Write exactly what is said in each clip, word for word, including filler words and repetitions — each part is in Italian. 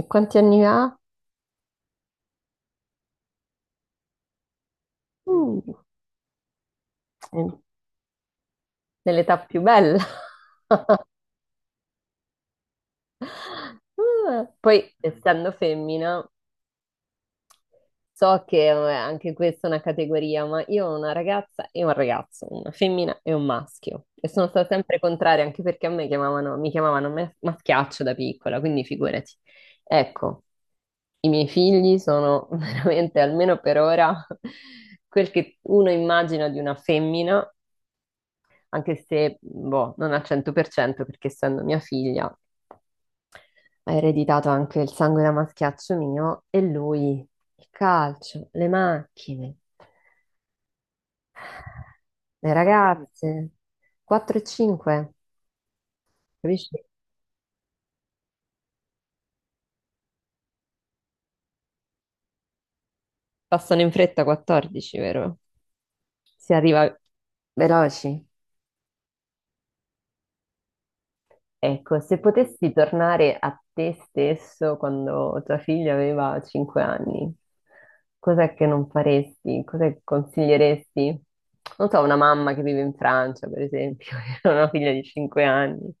E quanti anni ha? Mm, è nell'età più bella. Ah, poi, essendo femmina, so che eh, anche questa è una categoria, ma io ho una ragazza e un ragazzo, una femmina e un maschio. E sono stata sempre contraria, anche perché a me chiamavano, mi chiamavano me- maschiaccio da piccola, quindi figurati. Ecco, i miei figli sono veramente, almeno per ora, quel che uno immagina di una femmina, anche se, boh, non al cento per cento, perché essendo mia figlia ha ereditato anche il sangue da maschiaccio mio, e lui il calcio, le macchine, le ragazze, quattro e cinque, capisci? Passano in fretta quattordici, vero? Si arriva veloci. Ecco, se potessi tornare a te stesso quando tua figlia aveva cinque anni, cos'è che non faresti? Cos'è che consiglieresti? Non so, una mamma che vive in Francia, per esempio, e ha una figlia di cinque anni.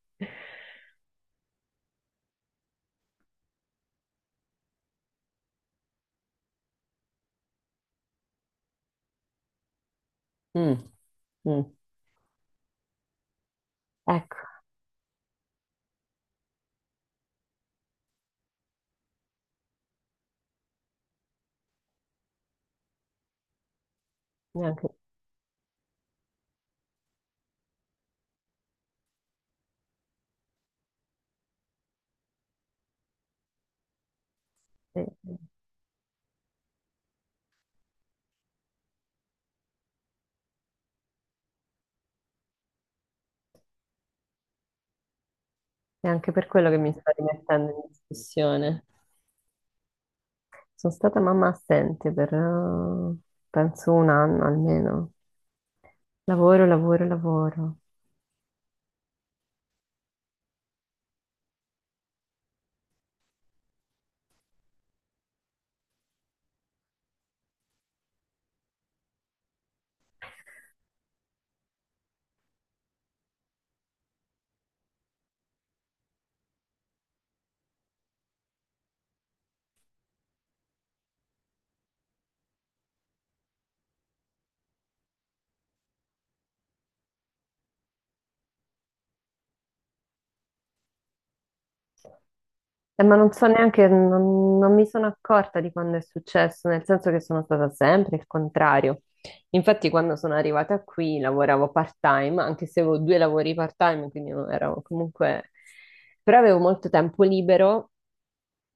Mm, mm. Ecco, neanche, eh, neanche per quello che mi sto rimettendo in discussione. Sono stata mamma assente per, eh, penso, un anno almeno. Lavoro, lavoro, lavoro. Eh, ma non so neanche, non, non mi sono accorta di quando è successo, nel senso che sono stata sempre il contrario. Infatti, quando sono arrivata qui lavoravo part-time, anche se avevo due lavori part-time, quindi non ero comunque... Però avevo molto tempo libero,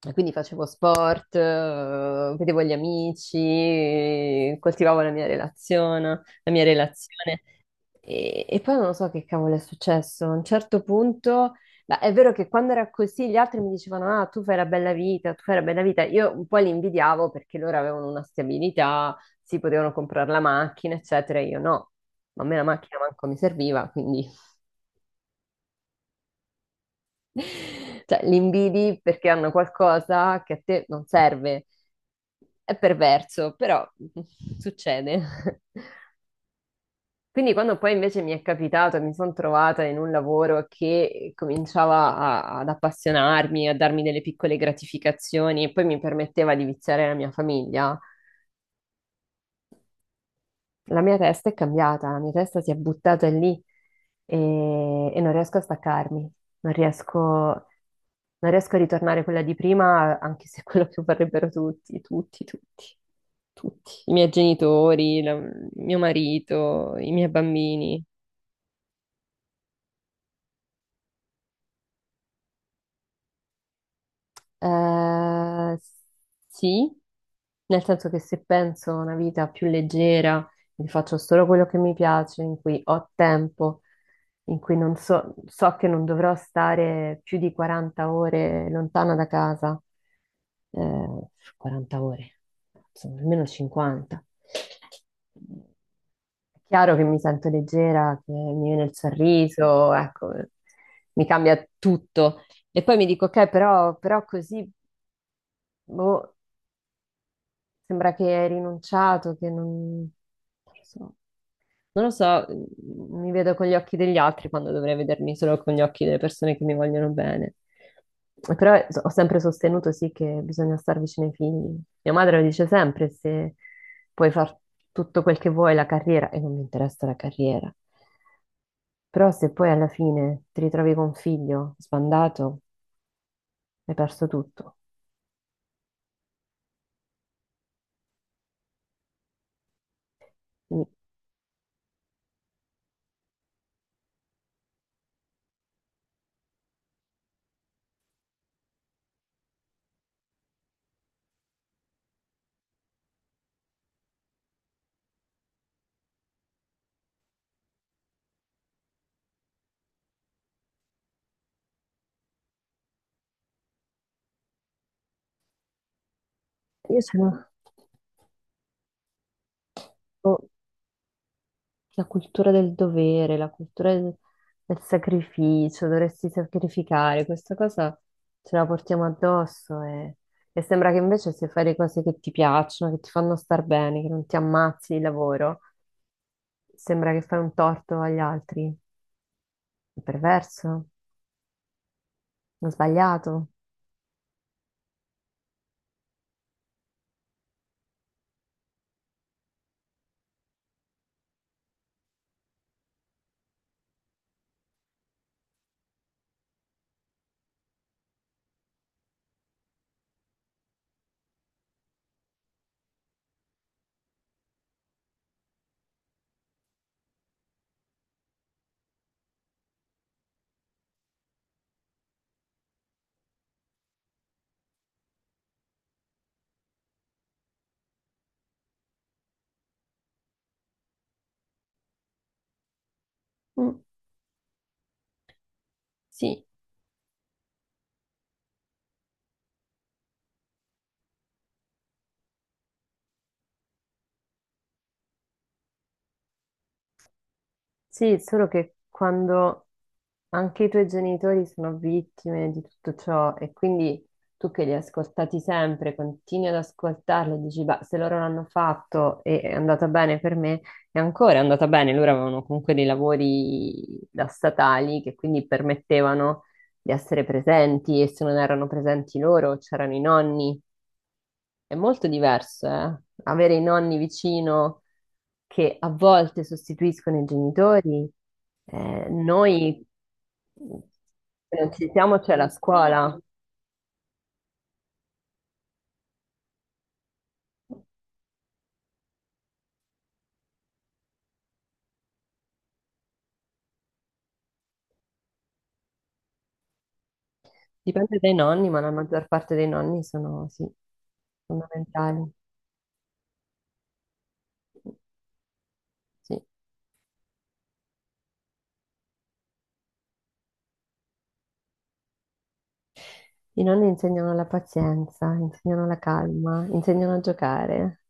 e quindi facevo sport, eh, vedevo gli amici, coltivavo la mia relazione, la mia relazione. E, e poi non lo so che cavolo è successo. A un certo punto, la- è vero che quando era così gli altri mi dicevano: "Ah, tu fai la bella vita, tu fai la bella vita." Io un po' li invidiavo perché loro avevano una stabilità, si potevano comprare la macchina, eccetera. Io no, ma a me la macchina manco mi serviva, quindi cioè, li invidi perché hanno qualcosa che a te non serve. È perverso, però succede. Quindi quando poi invece mi è capitato e mi sono trovata in un lavoro che cominciava a- ad appassionarmi, a darmi delle piccole gratificazioni e poi mi permetteva di viziare la mia famiglia, la mia testa è cambiata, la mia testa si è buttata lì e, e non riesco a staccarmi, non riesco, non riesco a ritornare quella di prima, anche se è quello che vorrebbero tutti, tutti, tutti, tutti, i miei genitori, la- mio marito, i miei bambini. Eh, sì, nel senso che se penso a una vita più leggera, mi faccio solo quello che mi piace, in cui ho tempo, in cui non so, so che non dovrò stare più di quaranta ore lontana da casa, eh, quaranta ore, insomma, almeno cinquanta. È chiaro che mi sento leggera, che mi viene il sorriso, ecco, mi cambia tutto. E poi mi dico, ok, però, però così boh, sembra che hai rinunciato, che non, non lo so, non lo so, mm, mi vedo con gli occhi degli altri quando dovrei vedermi solo con gli occhi delle persone che mi vogliono bene. E però eh, ho sempre sostenuto sì che bisogna star vicino ai figli. Mia madre lo dice sempre, se puoi far tutto quel che vuoi, la carriera, e non mi interessa la carriera. Però se poi alla fine ti ritrovi con un figlio sbandato, hai perso tutto. Quindi io sono... boh, la cultura del dovere, la cultura del, del sacrificio, dovresti sacrificare, questa cosa ce la portiamo addosso, e, e sembra che invece se fai le cose che ti piacciono, che ti fanno star bene, che non ti ammazzi di lavoro, sembra che fai un torto agli altri. È perverso, è sbagliato. Mm, sì, sì, solo che quando... Anche i tuoi genitori sono vittime di tutto ciò, e quindi tu che li hai ascoltati sempre continui ad ascoltarli e dici: beh, se loro l'hanno fatto e è andata bene per me, è ancora andata bene. Loro avevano comunque dei lavori da statali che quindi permettevano di essere presenti, e se non erano presenti loro c'erano i nonni. È molto diverso, eh? Avere i nonni vicino che a volte sostituiscono i genitori. Eh, noi se non ci siamo, c'è la scuola. Dipende dai nonni, ma la maggior parte dei nonni sono, sì, fondamentali. Sì. I nonni insegnano la pazienza, insegnano la calma, insegnano a giocare.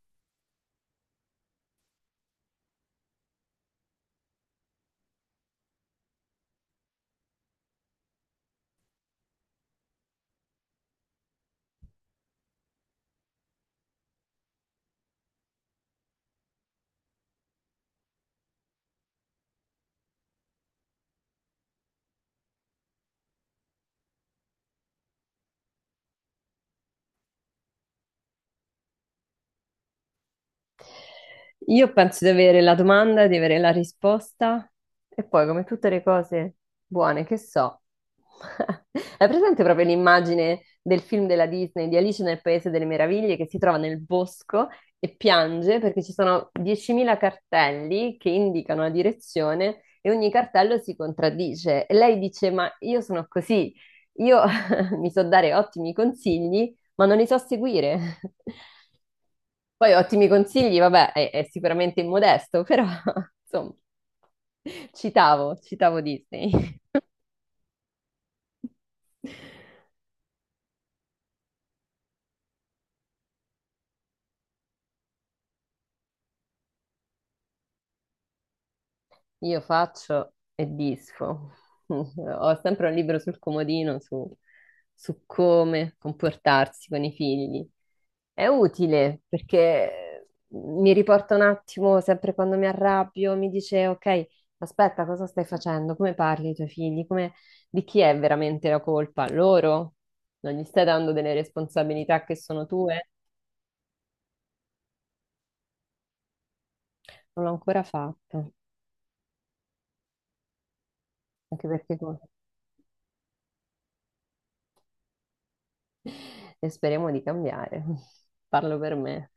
Io penso di avere la domanda, di avere la risposta e poi, come tutte le cose buone che so, hai presente proprio l'immagine del film della Disney di Alice nel Paese delle Meraviglie che si trova nel bosco e piange perché ci sono diecimila cartelli che indicano la direzione e ogni cartello si contraddice. E lei dice: "Ma io sono così, io mi so dare ottimi consigli, ma non li so seguire." Poi ottimi consigli, vabbè, è, è sicuramente immodesto, però insomma, citavo, citavo Disney. Io faccio e disfo. Ho sempre un libro sul comodino su, su come comportarsi con i figli. È utile perché mi riporta un attimo, sempre quando mi arrabbio, mi dice, ok, aspetta, cosa stai facendo? Come parli ai tuoi figli? Come... Di chi è veramente la colpa? Loro? Non gli stai dando delle responsabilità che sono tue? Non l'ho ancora fatto, anche perché... E speriamo di cambiare. Parlo per me.